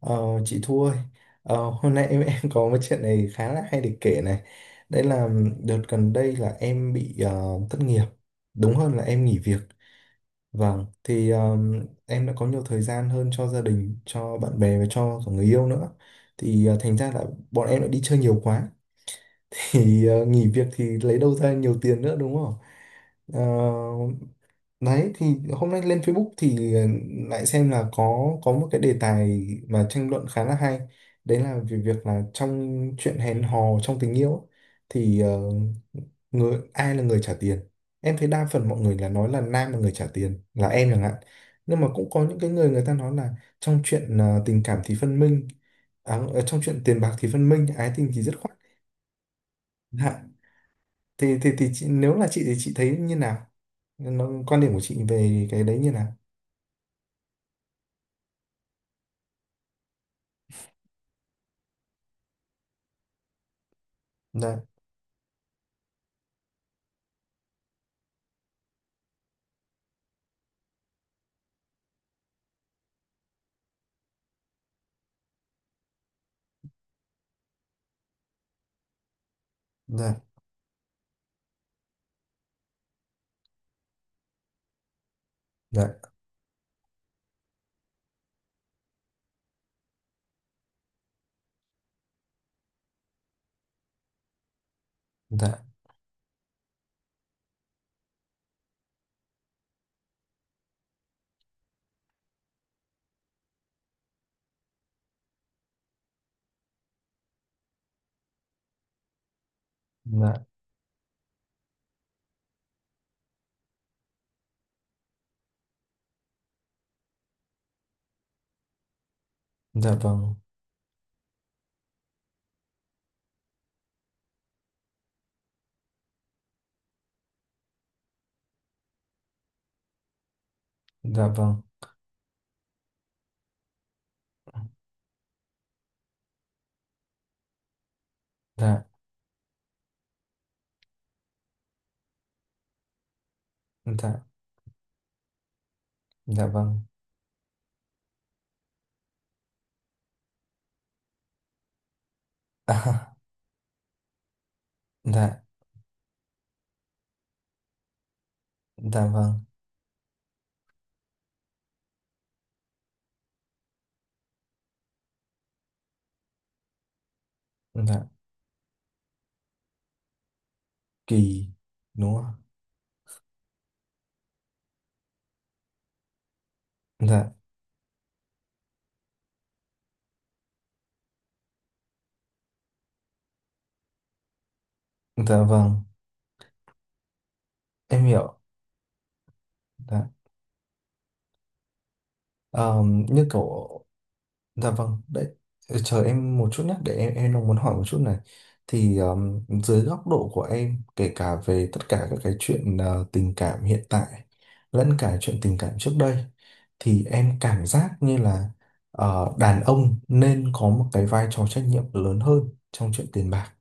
Ờ, chị Thu ơi, hôm nay em em có một chuyện này khá là hay để kể này. Đây là đợt gần đây là em bị thất nghiệp, đúng hơn là em nghỉ việc. Vâng, em đã có nhiều thời gian hơn cho gia đình, cho bạn bè và cho cả người yêu nữa. Thành ra là bọn em đã đi chơi nhiều quá, nghỉ việc thì lấy đâu ra nhiều tiền nữa đúng không? Ờ, Đấy thì hôm nay lên Facebook lại xem là có một cái đề tài mà tranh luận khá là hay. Đấy là về việc là trong chuyện hẹn hò trong tình yêu ấy, thì ờ, người ai là người trả tiền. Em thấy đa phần mọi người là nói là nam là người trả tiền, là em chẳng hạn. Nhưng mà cũng có những cái người người ta nói là trong chuyện tình cảm thì phân minh, trong chuyện tiền bạc thì phân minh, ái tình thì dứt khoát. Dạ. Thì chị, nếu là chị thì chị thấy như nào? Nó, quan điểm của chị về cái đấy như nào? Dạ, dạ, dạ, dạ, dạ, dạ vâng, dạ vâng, dạ, dạ, dạ vâng. À, dạ, dạ vâng, dạ kỳ, đúng không ạ? Dạ, dạ vâng, em hiểu. Dạ. Như kiểu dạ vâng, đấy, chờ em một chút nhé, để em đang muốn hỏi một chút này. Thì dưới góc độ của em, kể cả về tất cả các cái chuyện tình cảm hiện tại, lẫn cả chuyện tình cảm trước đây, thì em cảm giác như là đàn ông nên có một cái vai trò trách nhiệm lớn hơn trong chuyện tiền bạc.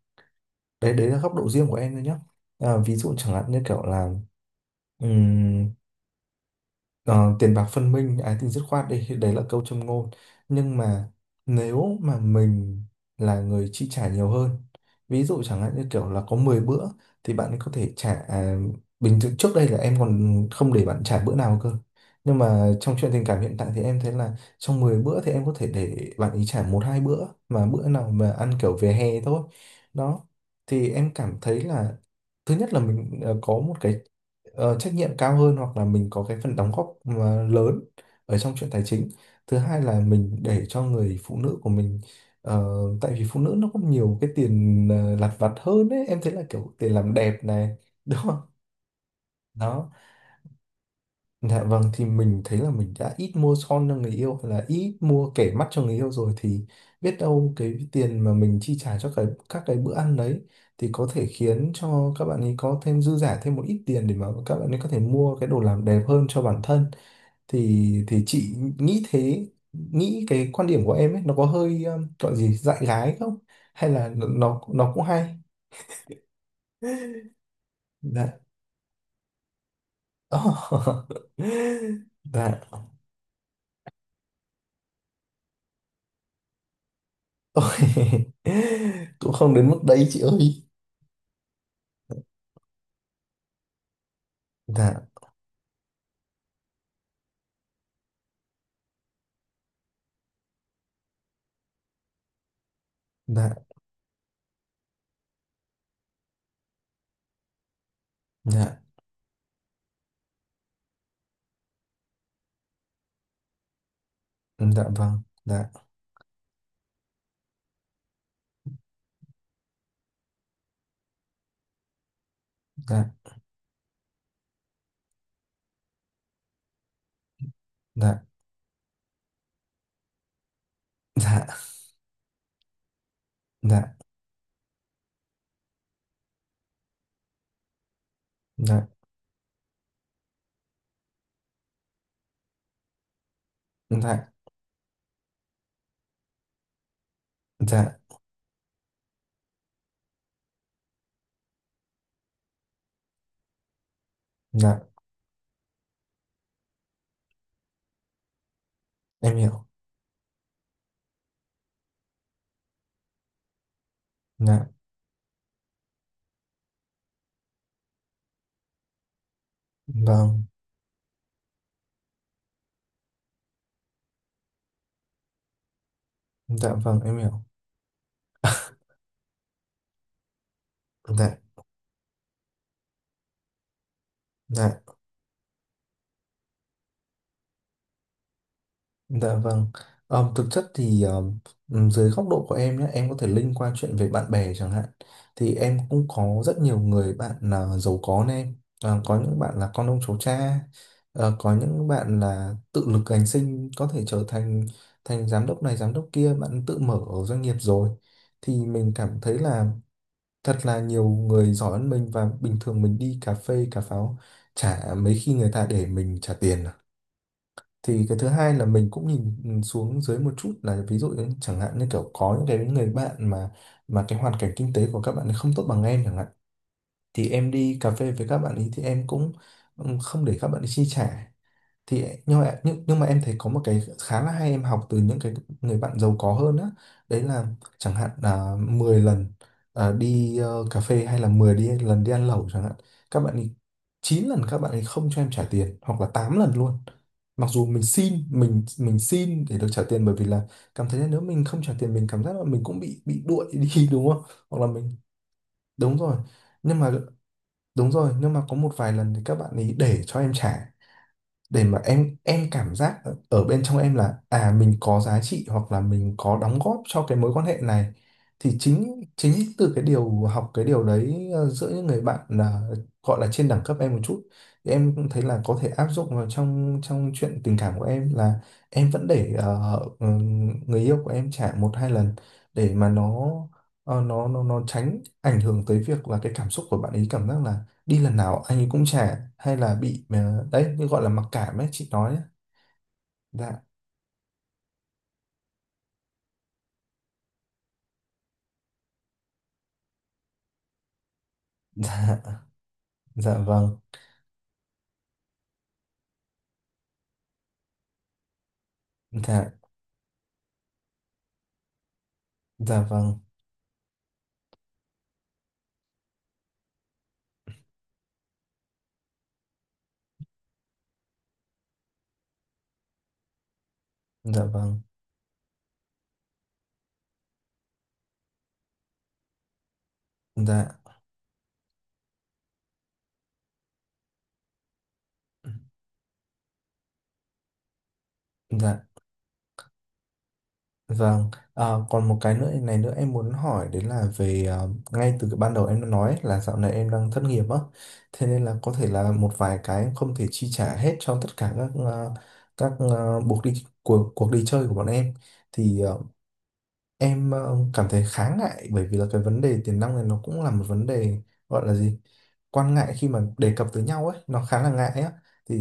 Đấy, đấy là góc độ riêng của em thôi nhé. À, ví dụ chẳng hạn như kiểu là ờ, tiền bạc phân minh ái tình dứt khoát đi, đấy là câu châm ngôn, nhưng mà nếu mà mình là người chi trả nhiều hơn, ví dụ chẳng hạn như kiểu là có 10 bữa thì bạn ấy có thể trả. À, bình thường trước đây là em còn không để bạn trả bữa nào cơ, nhưng mà trong chuyện tình cảm hiện tại thì em thấy là trong 10 bữa thì em có thể để bạn ấy trả một hai bữa, mà bữa nào mà ăn kiểu về hè thôi. Đó, thì em cảm thấy là thứ nhất là mình có một cái trách nhiệm cao hơn, hoặc là mình có cái phần đóng góp mà lớn ở trong chuyện tài chính. Thứ hai là mình để cho người phụ nữ của mình ờ, tại vì phụ nữ nó có nhiều cái tiền lặt vặt hơn ấy, em thấy là kiểu tiền làm đẹp này đúng không, đó. Dạ vâng, thì mình thấy là mình đã ít mua son cho người yêu hay là ít mua kẻ mắt cho người yêu rồi, thì biết đâu cái tiền mà mình chi trả cho cái các cái bữa ăn đấy thì có thể khiến cho các bạn ấy có thêm dư giả thêm một ít tiền để mà các bạn ấy có thể mua cái đồ làm đẹp hơn cho bản thân. Thì chị nghĩ thế, nghĩ cái quan điểm của em ấy nó có hơi gọi gì dại gái không, hay là nó cũng hay. Dạ, dạ. Ôi, cũng không đến mức đấy chị ơi. Dạ, dạ, dạ, dạ vâng, dạ, dạ, dạ, dạ, dạ, dạ, dạ, dạ, dạ em hiểu, dạ vâng, dạ vâng em hiểu, dạ, dạ. Dạ vâng. Thực chất thì dưới góc độ của em nhé, em có thể link qua chuyện về bạn bè chẳng hạn. Thì em cũng có rất nhiều người bạn là giàu có nên em. Ờ, có những bạn là con ông cháu cha, có những bạn là tự lực cánh sinh có thể trở thành thành giám đốc này giám đốc kia, bạn tự mở ở doanh nghiệp rồi. Thì mình cảm thấy là thật là nhiều người giỏi hơn mình, và bình thường mình đi cà phê cà pháo chả mấy khi người ta để mình trả tiền. Thì cái thứ hai là mình cũng nhìn xuống dưới một chút, là ví dụ như chẳng hạn như kiểu có những cái người bạn mà cái hoàn cảnh kinh tế của các bạn ấy không tốt bằng em chẳng hạn, thì em đi cà phê với các bạn ấy thì em cũng không để các bạn ấy chi trả. Thì nhưng mà em thấy có một cái khá là hay em học từ những cái người bạn giàu có hơn á. Đấy là chẳng hạn là 10 lần, đi cà phê hay là 10 đi lần đi ăn lẩu chẳng hạn, các bạn ấy 9 lần các bạn ấy không cho em trả tiền hoặc là 8 lần luôn, mặc dù mình xin mình xin để được trả tiền, bởi vì là cảm thấy là nếu mình không trả tiền mình cảm giác là mình cũng bị đuổi đi đúng không, hoặc là mình đúng rồi nhưng mà đúng rồi nhưng mà có một vài lần thì các bạn ấy để cho em trả, để mà em cảm giác ở ở bên trong em là à mình có giá trị hoặc là mình có đóng góp cho cái mối quan hệ này. Thì chính chính từ cái điều học cái điều đấy giữa những người bạn là gọi là trên đẳng cấp em một chút, thì em cũng thấy là có thể áp dụng vào trong trong chuyện tình cảm của em là em vẫn để người yêu của em trả một hai lần, để mà nó nó tránh ảnh hưởng tới việc là cái cảm xúc của bạn ấy cảm giác là đi lần nào anh ấy cũng trả, hay là bị đấy như gọi là mặc cảm ấy chị nói ấy. Dạ, dạ, dạ vâng, dạ, dạ vâng, dạ vâng, dạ, dạ vâng. Ờ, còn một cái nữa này nữa em muốn hỏi, đấy là về ngay từ cái ban đầu em đã nói ấy, là dạo này em đang thất nghiệp á, thế nên là có thể là một vài cái em không thể chi trả hết cho tất cả các các buộc đi cuộc cuộc đi chơi của bọn em. thì ờ, Em cảm thấy khá ngại bởi vì là cái vấn đề tiền nong này nó cũng là một vấn đề gọi là gì? Quan ngại khi mà đề cập tới nhau ấy, nó khá là ngại á. Thì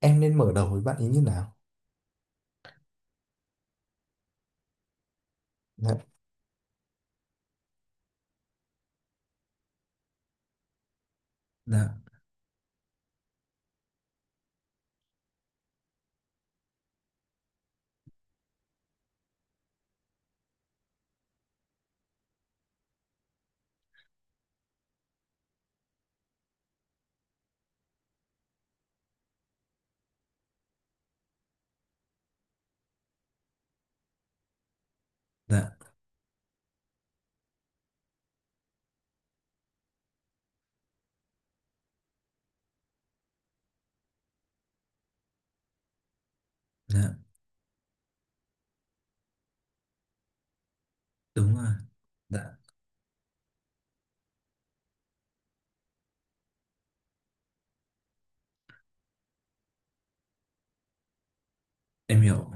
em nên mở đầu với bạn ý như nào? Dạ, dạ, dạ, dạ đúng rồi, dạ em hiểu,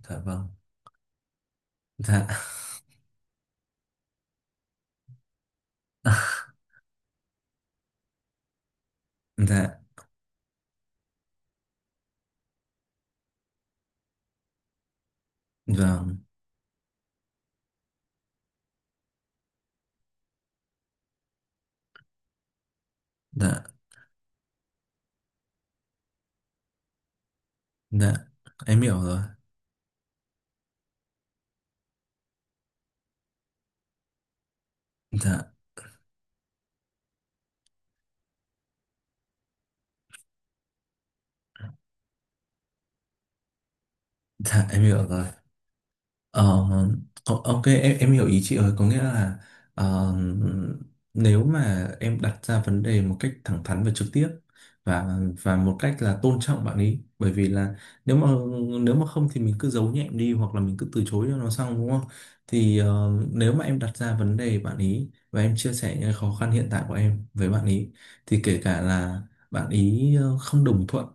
dạ vâng, dạ, dạ vâng, dạ, dạ em hiểu rồi, dạ, dạ em hiểu rồi. Ờ, ok em hiểu ý chị rồi, có nghĩa là ờ, nếu mà em đặt ra vấn đề một cách thẳng thắn và trực tiếp, và một cách là tôn trọng bạn ấy, bởi vì là nếu mà nếu mà không thì mình cứ giấu nhẹm đi hoặc là mình cứ từ chối cho nó xong đúng không. Nếu mà em đặt ra vấn đề bạn ý và em chia sẻ những khó khăn hiện tại của em với bạn ý, thì kể cả là bạn ý không đồng thuận,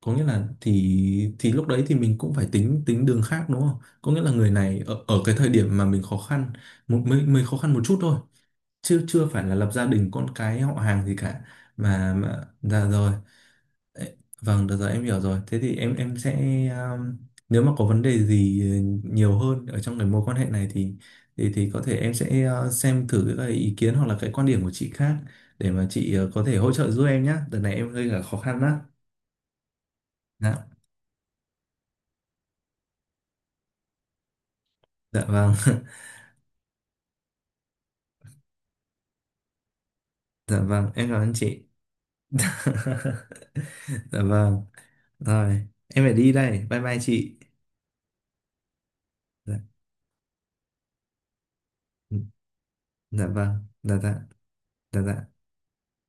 có nghĩa là thì lúc đấy thì mình cũng phải tính tính đường khác đúng không? Có nghĩa là người này ở, ở cái thời điểm mà mình khó khăn một mình khó khăn một chút thôi, chứ chưa phải là lập gia đình con cái họ hàng gì cả mà dạ rồi. Ê, vâng được rồi em hiểu rồi, thế thì em sẽ um, nếu mà có vấn đề gì nhiều hơn ở trong cái mối quan hệ này thì thì có thể em sẽ xem thử cái ý kiến hoặc là cái quan điểm của chị khác, để mà chị có thể hỗ trợ giúp em nhé, đợt này em gây cả khó khăn đó. Dạ. Dạ vâng, dạ vâng, em cảm ơn chị. Dạ vâng, rồi, em phải đi đây, bye bye chị. Dạ, dạ vâng, dạ dạ, dạ dạ.